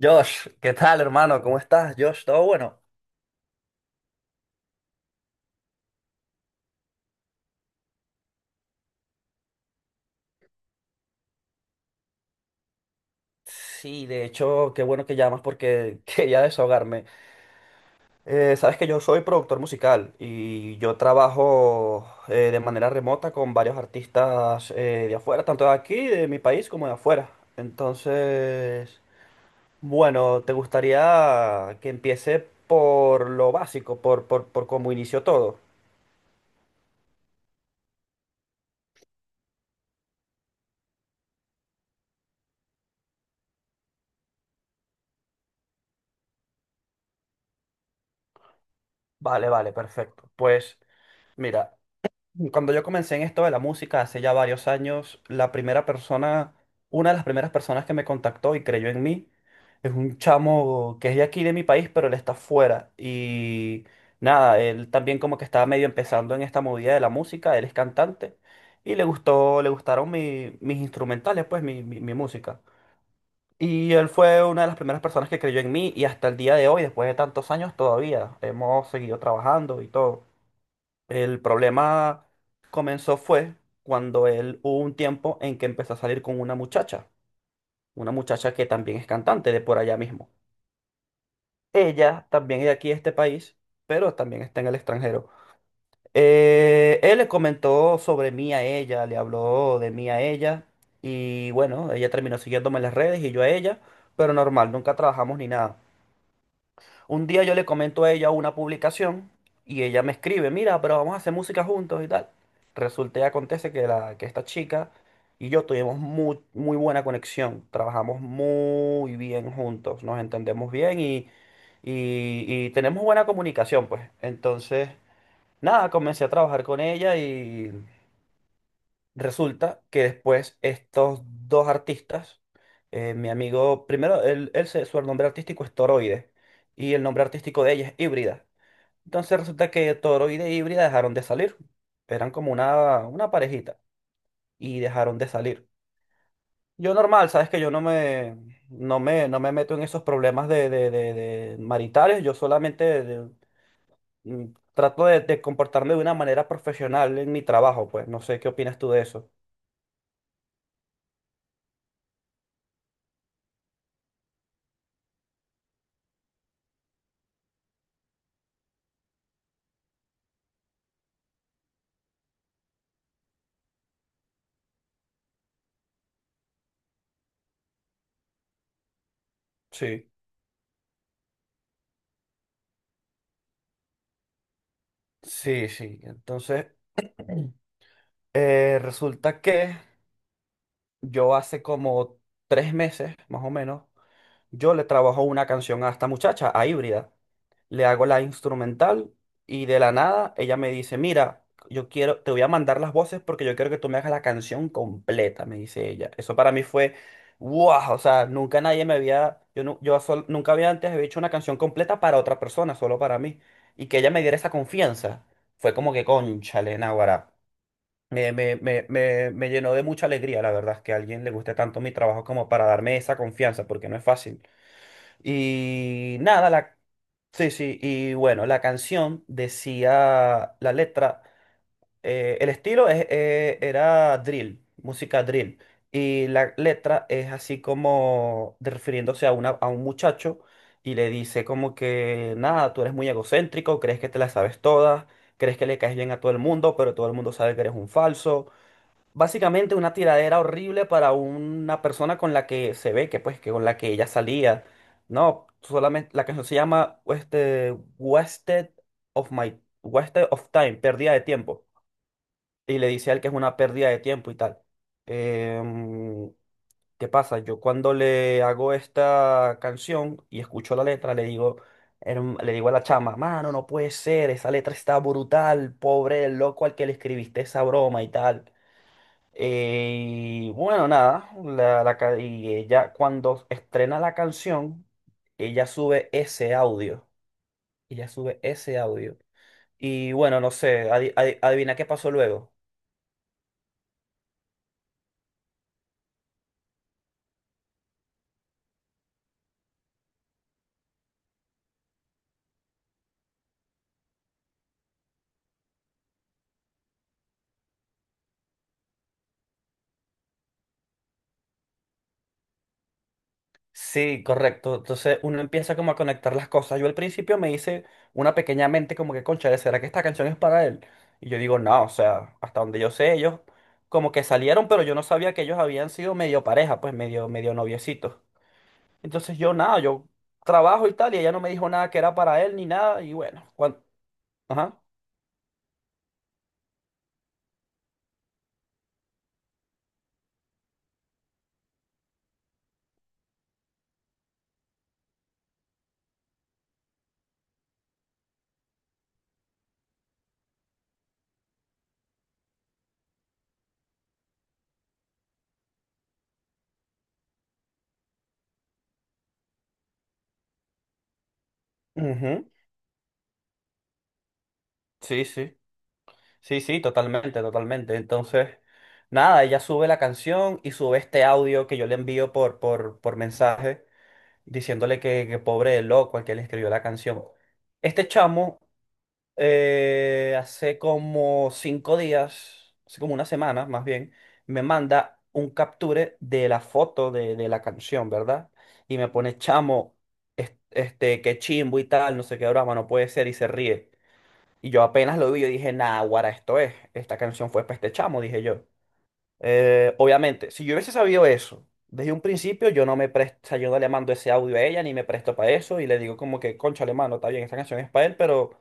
Josh, ¿qué tal, hermano? ¿Cómo estás, Josh? ¿Todo bueno? Sí, de hecho, qué bueno que llamas porque quería desahogarme. Sabes que yo soy productor musical y yo trabajo de manera remota con varios artistas de afuera, tanto de aquí, de mi país, como de afuera. Entonces, bueno, ¿te gustaría que empiece por lo básico, por cómo inició todo? Vale, vale, perfecto. Pues, mira, cuando yo comencé en esto de la música hace ya varios años, la primera persona, una de las primeras personas que me contactó y creyó en mí, es un chamo que es de aquí de mi país, pero él está fuera. Y nada, él también como que estaba medio empezando en esta movida de la música, él es cantante y le gustaron mis instrumentales, pues mi música. Y él fue una de las primeras personas que creyó en mí y hasta el día de hoy, después de tantos años, todavía hemos seguido trabajando y todo. El problema comenzó fue cuando él hubo un tiempo en que empezó a salir con una muchacha que también es cantante de por allá mismo. Ella también es de aquí, de este país, pero también está en el extranjero. Él le comentó sobre mí a ella, le habló de mí a ella y bueno, ella terminó siguiéndome en las redes y yo a ella, pero normal, nunca trabajamos ni nada. Un día yo le comento a ella una publicación y ella me escribe, mira, pero vamos a hacer música juntos y tal. Resulta y acontece que, la, que esta chica y yo tuvimos muy, muy buena conexión, trabajamos muy bien juntos, nos entendemos bien y, y tenemos buena comunicación, pues. Entonces, nada, comencé a trabajar con ella y resulta que después estos dos artistas, mi amigo, primero, su nombre artístico es Toroide y el nombre artístico de ella es Híbrida. Entonces resulta que Toroide e Híbrida dejaron de salir. Eran como una parejita y dejaron de salir. Yo normal, sabes que yo no me meto en esos problemas de, de maritales, yo solamente mm, trato de comportarme de una manera profesional en mi trabajo, pues no sé qué opinas tú de eso. Sí. Sí, sí. Entonces, resulta que yo hace como 3 meses, más o menos, yo le trabajo una canción a esta muchacha, a Híbrida. Le hago la instrumental y de la nada ella me dice, mira, yo quiero, te voy a mandar las voces porque yo quiero que tú me hagas la canción completa, me dice ella. Eso para mí fue, wow, o sea, nunca nadie me había, yo, nu- yo sol- nunca había antes había hecho una canción completa para otra persona, solo para mí. Y que ella me diera esa confianza, fue como que cónchale, náguara. Me llenó de mucha alegría, la verdad, que a alguien le guste tanto mi trabajo como para darme esa confianza, porque no es fácil. Y nada, la. Sí, sí, y bueno, la canción decía la letra, era drill, música drill, y la letra es así como de- refiriéndose a un muchacho y le dice como que, nada, tú eres muy egocéntrico, crees que te la sabes todas, crees que le caes bien a todo el mundo, pero todo el mundo sabe que eres un falso. Básicamente una tiradera horrible para una persona con la que se ve que pues que con la que ella salía. No, solamente la canción se llama Wasted of My Wasted of Time, pérdida de tiempo. Y le dice a él que es una pérdida de tiempo y tal. Em, ¿Qué pasa? Yo cuando le hago esta canción y escucho la letra, le digo a la chama, mano, no puede ser, esa letra está brutal, pobre el loco al que le escribiste esa broma y tal. Y bueno, nada, y ella cuando estrena la canción, ella sube ese audio, ella sube ese audio. Y bueno, no sé, adivina qué pasó luego. Sí, correcto. Entonces uno empieza como a conectar las cosas. Yo al principio me hice una pequeña mente como que, concha, ¿será que esta canción es para él? Y yo digo, no, o sea, hasta donde yo sé, ellos como que salieron, pero yo no sabía que ellos habían sido medio pareja, pues medio, medio noviecitos. Entonces yo nada, yo trabajo y tal, y ella no me dijo nada que era para él ni nada, y bueno, cuando... Ajá. Ujú. Sí, sí, sí, sí, totalmente, totalmente. Entonces, nada, ella sube la canción y sube este audio que yo le envío por mensaje, diciéndole que pobre de loco al que le escribió la canción. Este chamo hace como 5 días, hace como una semana más bien, me manda un capture de la foto de la canción, ¿verdad? Y me pone, chamo, qué chimbo y tal, no sé qué broma, no puede ser, y se ríe. Y yo apenas lo vi, yo dije, nah, guara, esto es, esta canción fue para este chamo, dije yo. Obviamente, si yo hubiese sabido eso desde un principio, yo no me presto, o sea, yo no le mando ese audio a ella, ni me presto para eso, y le digo como que, concha, mano, está bien, esta canción es para él, pero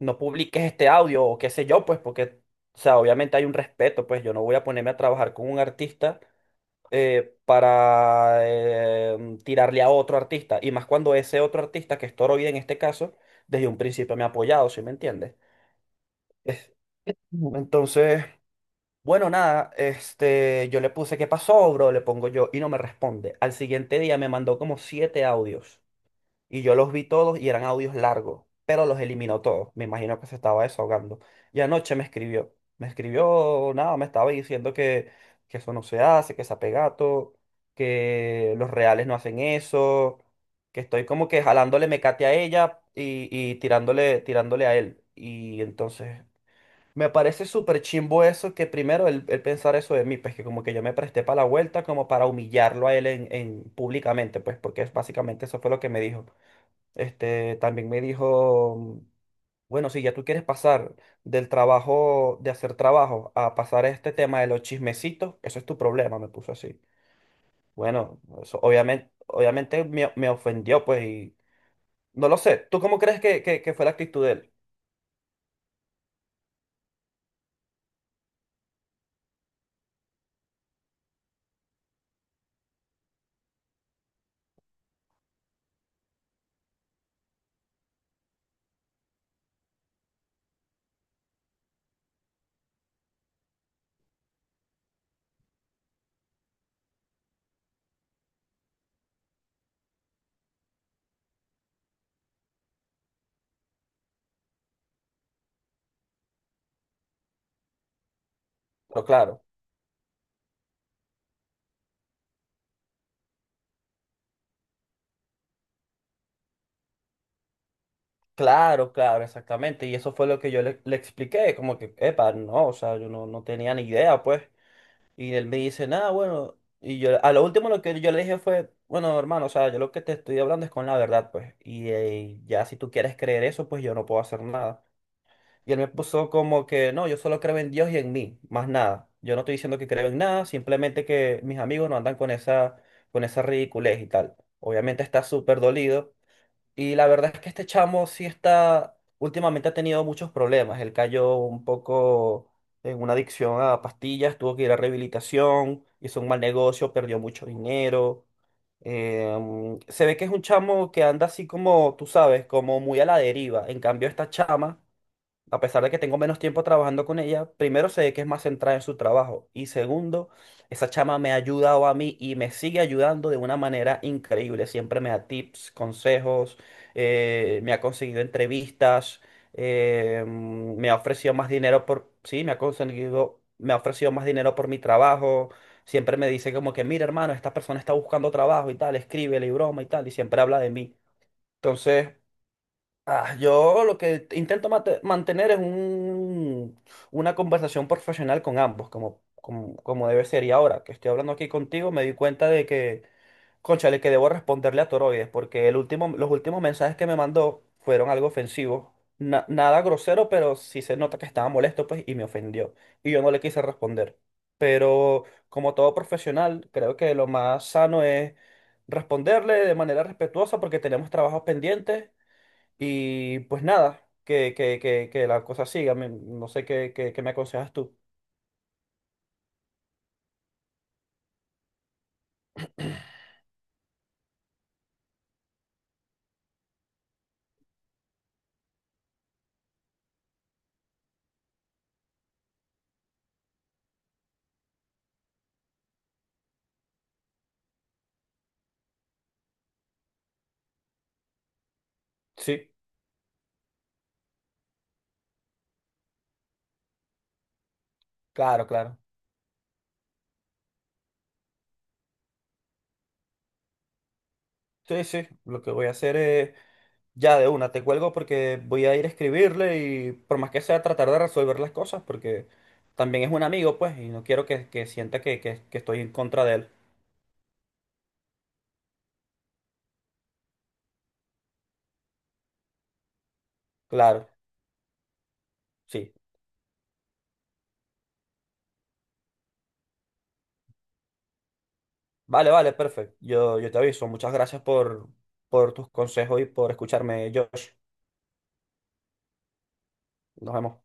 no publiques este audio o qué sé yo, pues porque, o sea, obviamente hay un respeto, pues yo no voy a ponerme a trabajar con un artista para tirarle a otro artista, y más cuando ese otro artista, que es Toro Vida en este caso, desde un principio me ha apoyado, ¿sí me entiendes? Es- Entonces, bueno, nada, este, yo le puse, ¿qué pasó, bro? Le pongo yo y no me responde. Al siguiente día me mandó como siete audios. Y yo los vi todos y eran audios largos, pero los eliminó todos. Me imagino que se estaba desahogando. Y anoche me escribió. Me escribió, nada, me estaba diciendo que eso no se hace, que es apegato, que los reales no hacen eso, que estoy como que jalándole mecate a ella y tirándole a él. Y entonces me parece súper chimbo eso, que primero él pensar eso de mí, pues que como que yo me presté para la vuelta como para humillarlo a él en públicamente, pues porque básicamente eso fue lo que me dijo. También me dijo, bueno, si ya tú quieres pasar del trabajo, de hacer trabajo, a pasar a este tema de los chismecitos, eso es tu problema, me puso así. Bueno, eso obviamente, obviamente me, me ofendió, pues, y no lo sé. ¿Tú cómo crees que, que fue la actitud de él? Pero claro, claro, claro, exactamente. Y eso fue lo que yo le, le expliqué, como que, epa, no, o sea, yo no, no tenía ni idea, pues. Y él me dice, nada, bueno. Y yo, a lo último lo que yo le dije fue, bueno, hermano, o sea, yo lo que te estoy hablando es con la verdad, pues. Y, ya si tú quieres creer eso, pues yo no puedo hacer nada. Y él me puso como que, no, yo solo creo en Dios y en mí, más nada. Yo no estoy diciendo que creo en nada, simplemente que mis amigos no andan con esa ridiculez y tal. Obviamente está súper dolido y la verdad es que este chamo sí está, últimamente ha tenido muchos problemas. Él cayó un poco en una adicción a pastillas, tuvo que ir a rehabilitación, hizo un mal negocio, perdió mucho dinero. Se ve que es un chamo que anda así como, tú sabes, como muy a la deriva. En cambio, esta chama a pesar de que tengo menos tiempo trabajando con ella, primero sé que es más centrada en su trabajo y segundo, esa chama me ha ayudado a mí y me sigue ayudando de una manera increíble. Siempre me da tips, consejos, me ha conseguido entrevistas, me ha ofrecido más dinero por, sí, me ha conseguido, me ha ofrecido más dinero por mi trabajo. Siempre me dice como que, mira, hermano, esta persona está buscando trabajo y tal, escríbele y broma y tal, y siempre habla de mí. Entonces, ah, yo lo que intento mantener es un, una conversación profesional con ambos, como debe ser. Y ahora que estoy hablando aquí contigo, me di cuenta de que, cónchale, que debo responderle a Toroides, porque el último, los últimos mensajes que me mandó fueron algo ofensivos. Nada grosero, pero sí se nota que estaba molesto, pues, y me ofendió. Y yo no le quise responder. Pero como todo profesional, creo que lo más sano es responderle de manera respetuosa porque tenemos trabajos pendientes y pues nada, que la cosa siga. No sé qué me aconsejas tú. Sí, claro, claro. Sí, sí. Lo que voy a hacer es ya de una, te cuelgo porque voy a ir a escribirle y por más que sea tratar de resolver las cosas porque también es un amigo, pues, y no quiero que sienta que estoy en contra de él. Claro, sí. Vale, vale, perfecto. Yo te aviso. Muchas gracias por tus consejos y por escucharme, Josh. Nos vemos.